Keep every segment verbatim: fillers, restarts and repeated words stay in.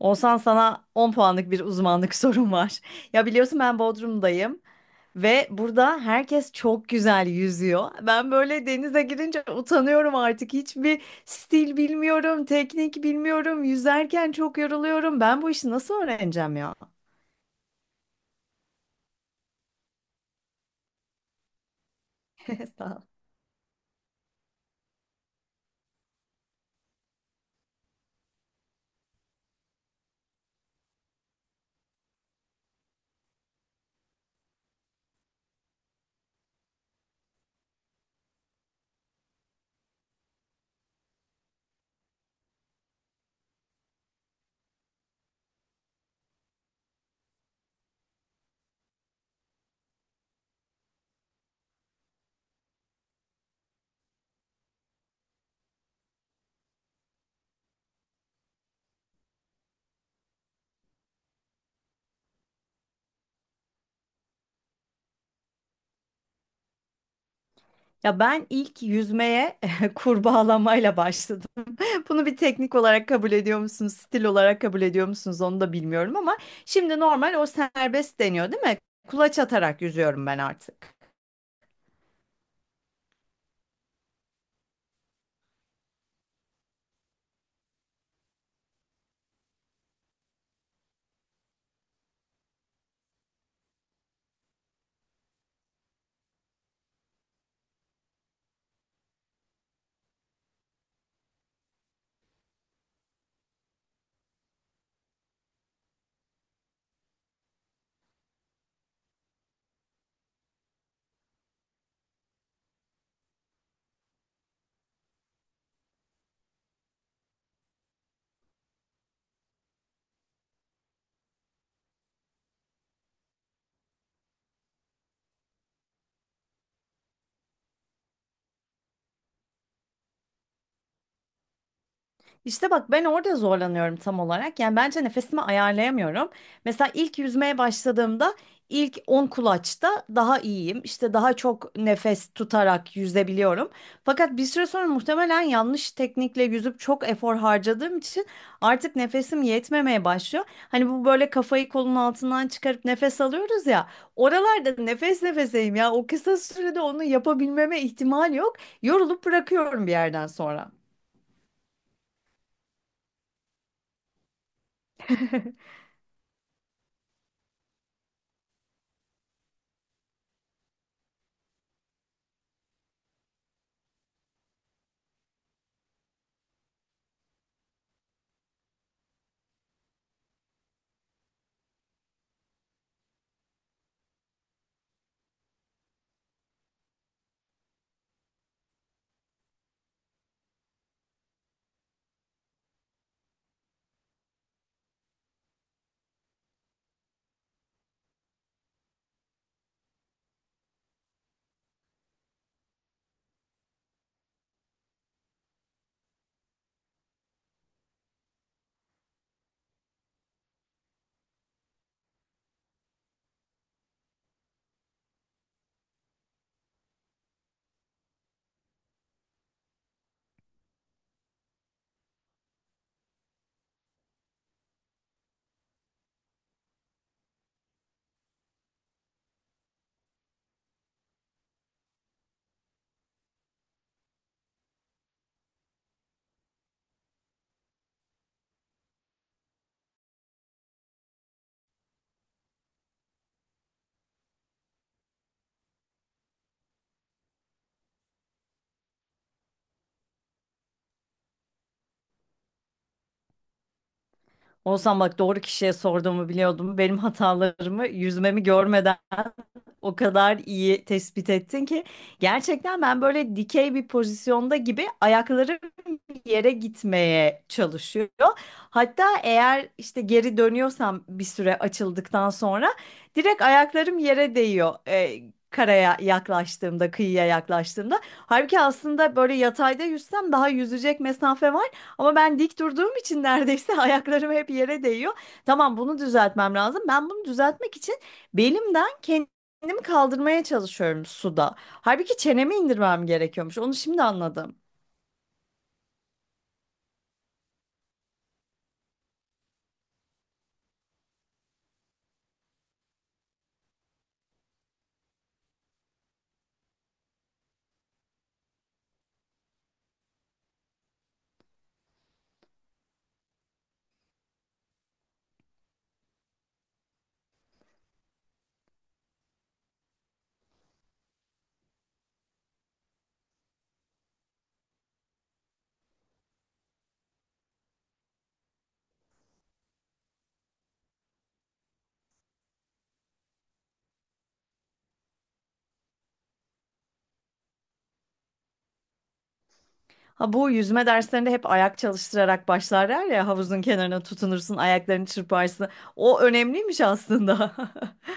Olsan sana on puanlık bir uzmanlık sorum var. Ya biliyorsun ben Bodrum'dayım ve burada herkes çok güzel yüzüyor. Ben böyle denize girince utanıyorum artık. Hiçbir stil bilmiyorum, teknik bilmiyorum. Yüzerken çok yoruluyorum. Ben bu işi nasıl öğreneceğim ya? Sağ ol. Ya ben ilk yüzmeye kurbağalamayla başladım. Bunu bir teknik olarak kabul ediyor musunuz, stil olarak kabul ediyor musunuz onu da bilmiyorum ama şimdi normal o serbest deniyor değil mi? Kulaç atarak yüzüyorum ben artık. İşte bak ben orada zorlanıyorum tam olarak. Yani bence nefesimi ayarlayamıyorum. Mesela ilk yüzmeye başladığımda ilk on kulaçta daha iyiyim. İşte daha çok nefes tutarak yüzebiliyorum. Fakat bir süre sonra muhtemelen yanlış teknikle yüzüp çok efor harcadığım için artık nefesim yetmemeye başlıyor. Hani bu böyle kafayı kolun altından çıkarıp nefes alıyoruz ya. Oralarda nefes nefeseyim ya. O kısa sürede onu yapabilmeme ihtimal yok. Yorulup bırakıyorum bir yerden sonra. Olsam bak doğru kişiye sorduğumu biliyordum. Benim hatalarımı yüzmemi görmeden o kadar iyi tespit ettin ki gerçekten ben böyle dikey bir pozisyonda gibi ayaklarım yere gitmeye çalışıyor. Hatta eğer işte geri dönüyorsam bir süre açıldıktan sonra direkt ayaklarım yere değiyor. E, karaya yaklaştığımda, kıyıya yaklaştığımda. Halbuki aslında böyle yatayda yüzsem daha yüzecek mesafe var ama ben dik durduğum için neredeyse ayaklarım hep yere değiyor. Tamam bunu düzeltmem lazım. Ben bunu düzeltmek için belimden kendimi kaldırmaya çalışıyorum suda. Halbuki çenemi indirmem gerekiyormuş. Onu şimdi anladım. Ha bu yüzme derslerinde hep ayak çalıştırarak başlarlar ya havuzun kenarına tutunursun, ayaklarını çırparsın. O önemliymiş aslında.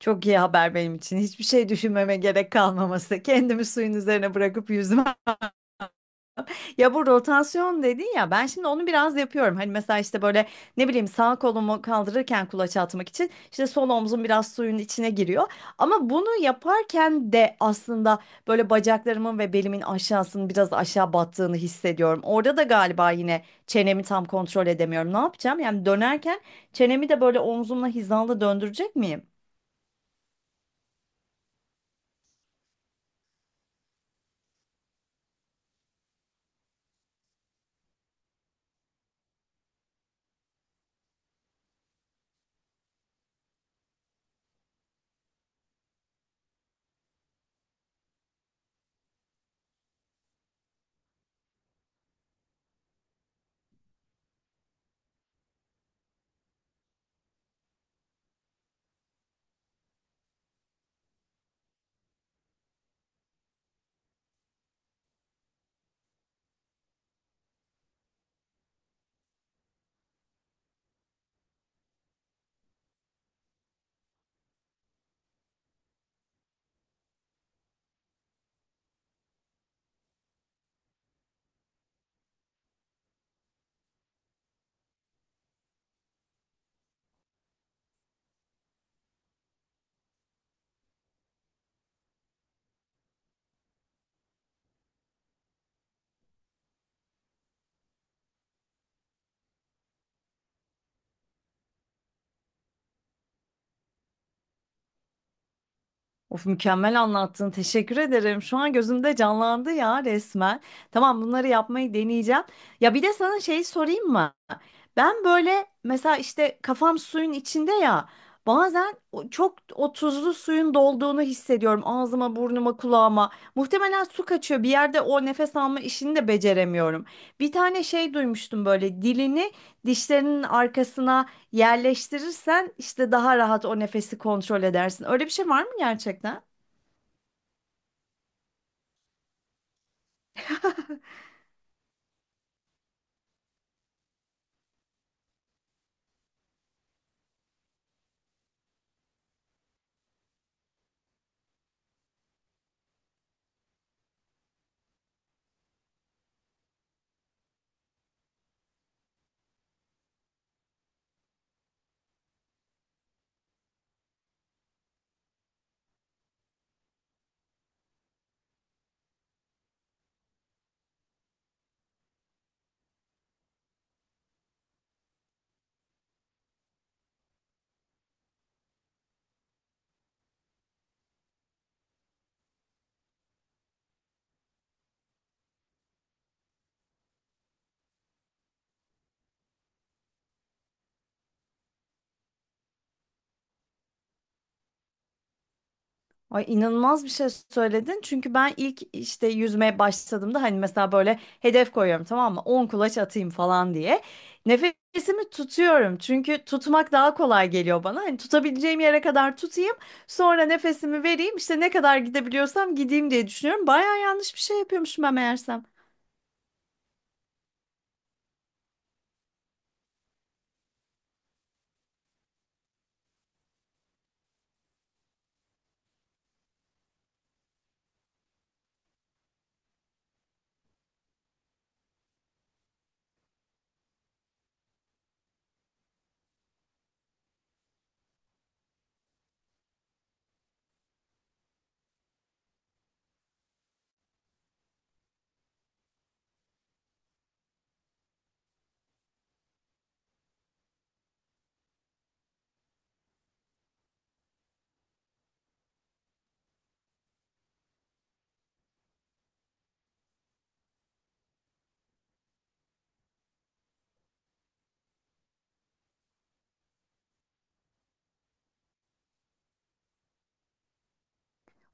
Çok iyi haber benim için. Hiçbir şey düşünmeme gerek kalmaması. Kendimi suyun üzerine bırakıp yüzmem. Ya bu rotasyon dedin ya ben şimdi onu biraz yapıyorum. Hani mesela işte böyle ne bileyim sağ kolumu kaldırırken kulaç atmak için işte sol omzum biraz suyun içine giriyor. Ama bunu yaparken de aslında böyle bacaklarımın ve belimin aşağısının biraz aşağı battığını hissediyorum. Orada da galiba yine çenemi tam kontrol edemiyorum. Ne yapacağım? Yani dönerken çenemi de böyle omzumla hizalı döndürecek miyim? Of mükemmel anlattın. Teşekkür ederim. Şu an gözümde canlandı ya resmen. Tamam bunları yapmayı deneyeceğim. Ya bir de sana şey sorayım mı? Ben böyle mesela işte kafam suyun içinde ya. Bazen o- çok o tuzlu suyun dolduğunu hissediyorum ağzıma, burnuma, kulağıma. Muhtemelen su kaçıyor. Bir yerde o nefes alma işini de beceremiyorum. Bir tane şey duymuştum böyle dilini dişlerinin arkasına yerleştirirsen işte daha rahat o nefesi kontrol edersin. Öyle bir şey var mı gerçekten? Ay inanılmaz bir şey söyledin. Çünkü ben ilk işte yüzmeye başladığımda hani mesela böyle hedef koyuyorum tamam mı? On kulaç atayım falan diye. Nefesimi tutuyorum. Çünkü tutmak daha kolay geliyor bana. Hani tutabileceğim yere kadar tutayım. Sonra nefesimi vereyim. İşte ne kadar gidebiliyorsam gideyim diye düşünüyorum. Baya yanlış bir şey yapıyormuşum ben meğersem.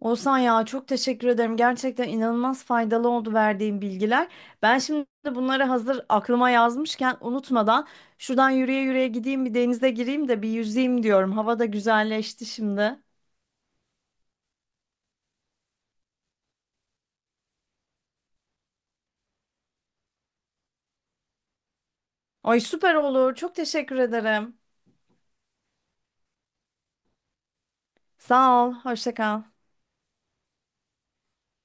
Olsan ya çok teşekkür ederim. Gerçekten inanılmaz faydalı oldu verdiğin bilgiler. Ben şimdi bunları hazır aklıma yazmışken unutmadan şuradan yürüye yürüye gideyim bir denize gireyim de bir yüzeyim diyorum. Hava da güzelleşti şimdi. Ay süper olur. Çok teşekkür ederim. Sağ ol. Hoşça kal.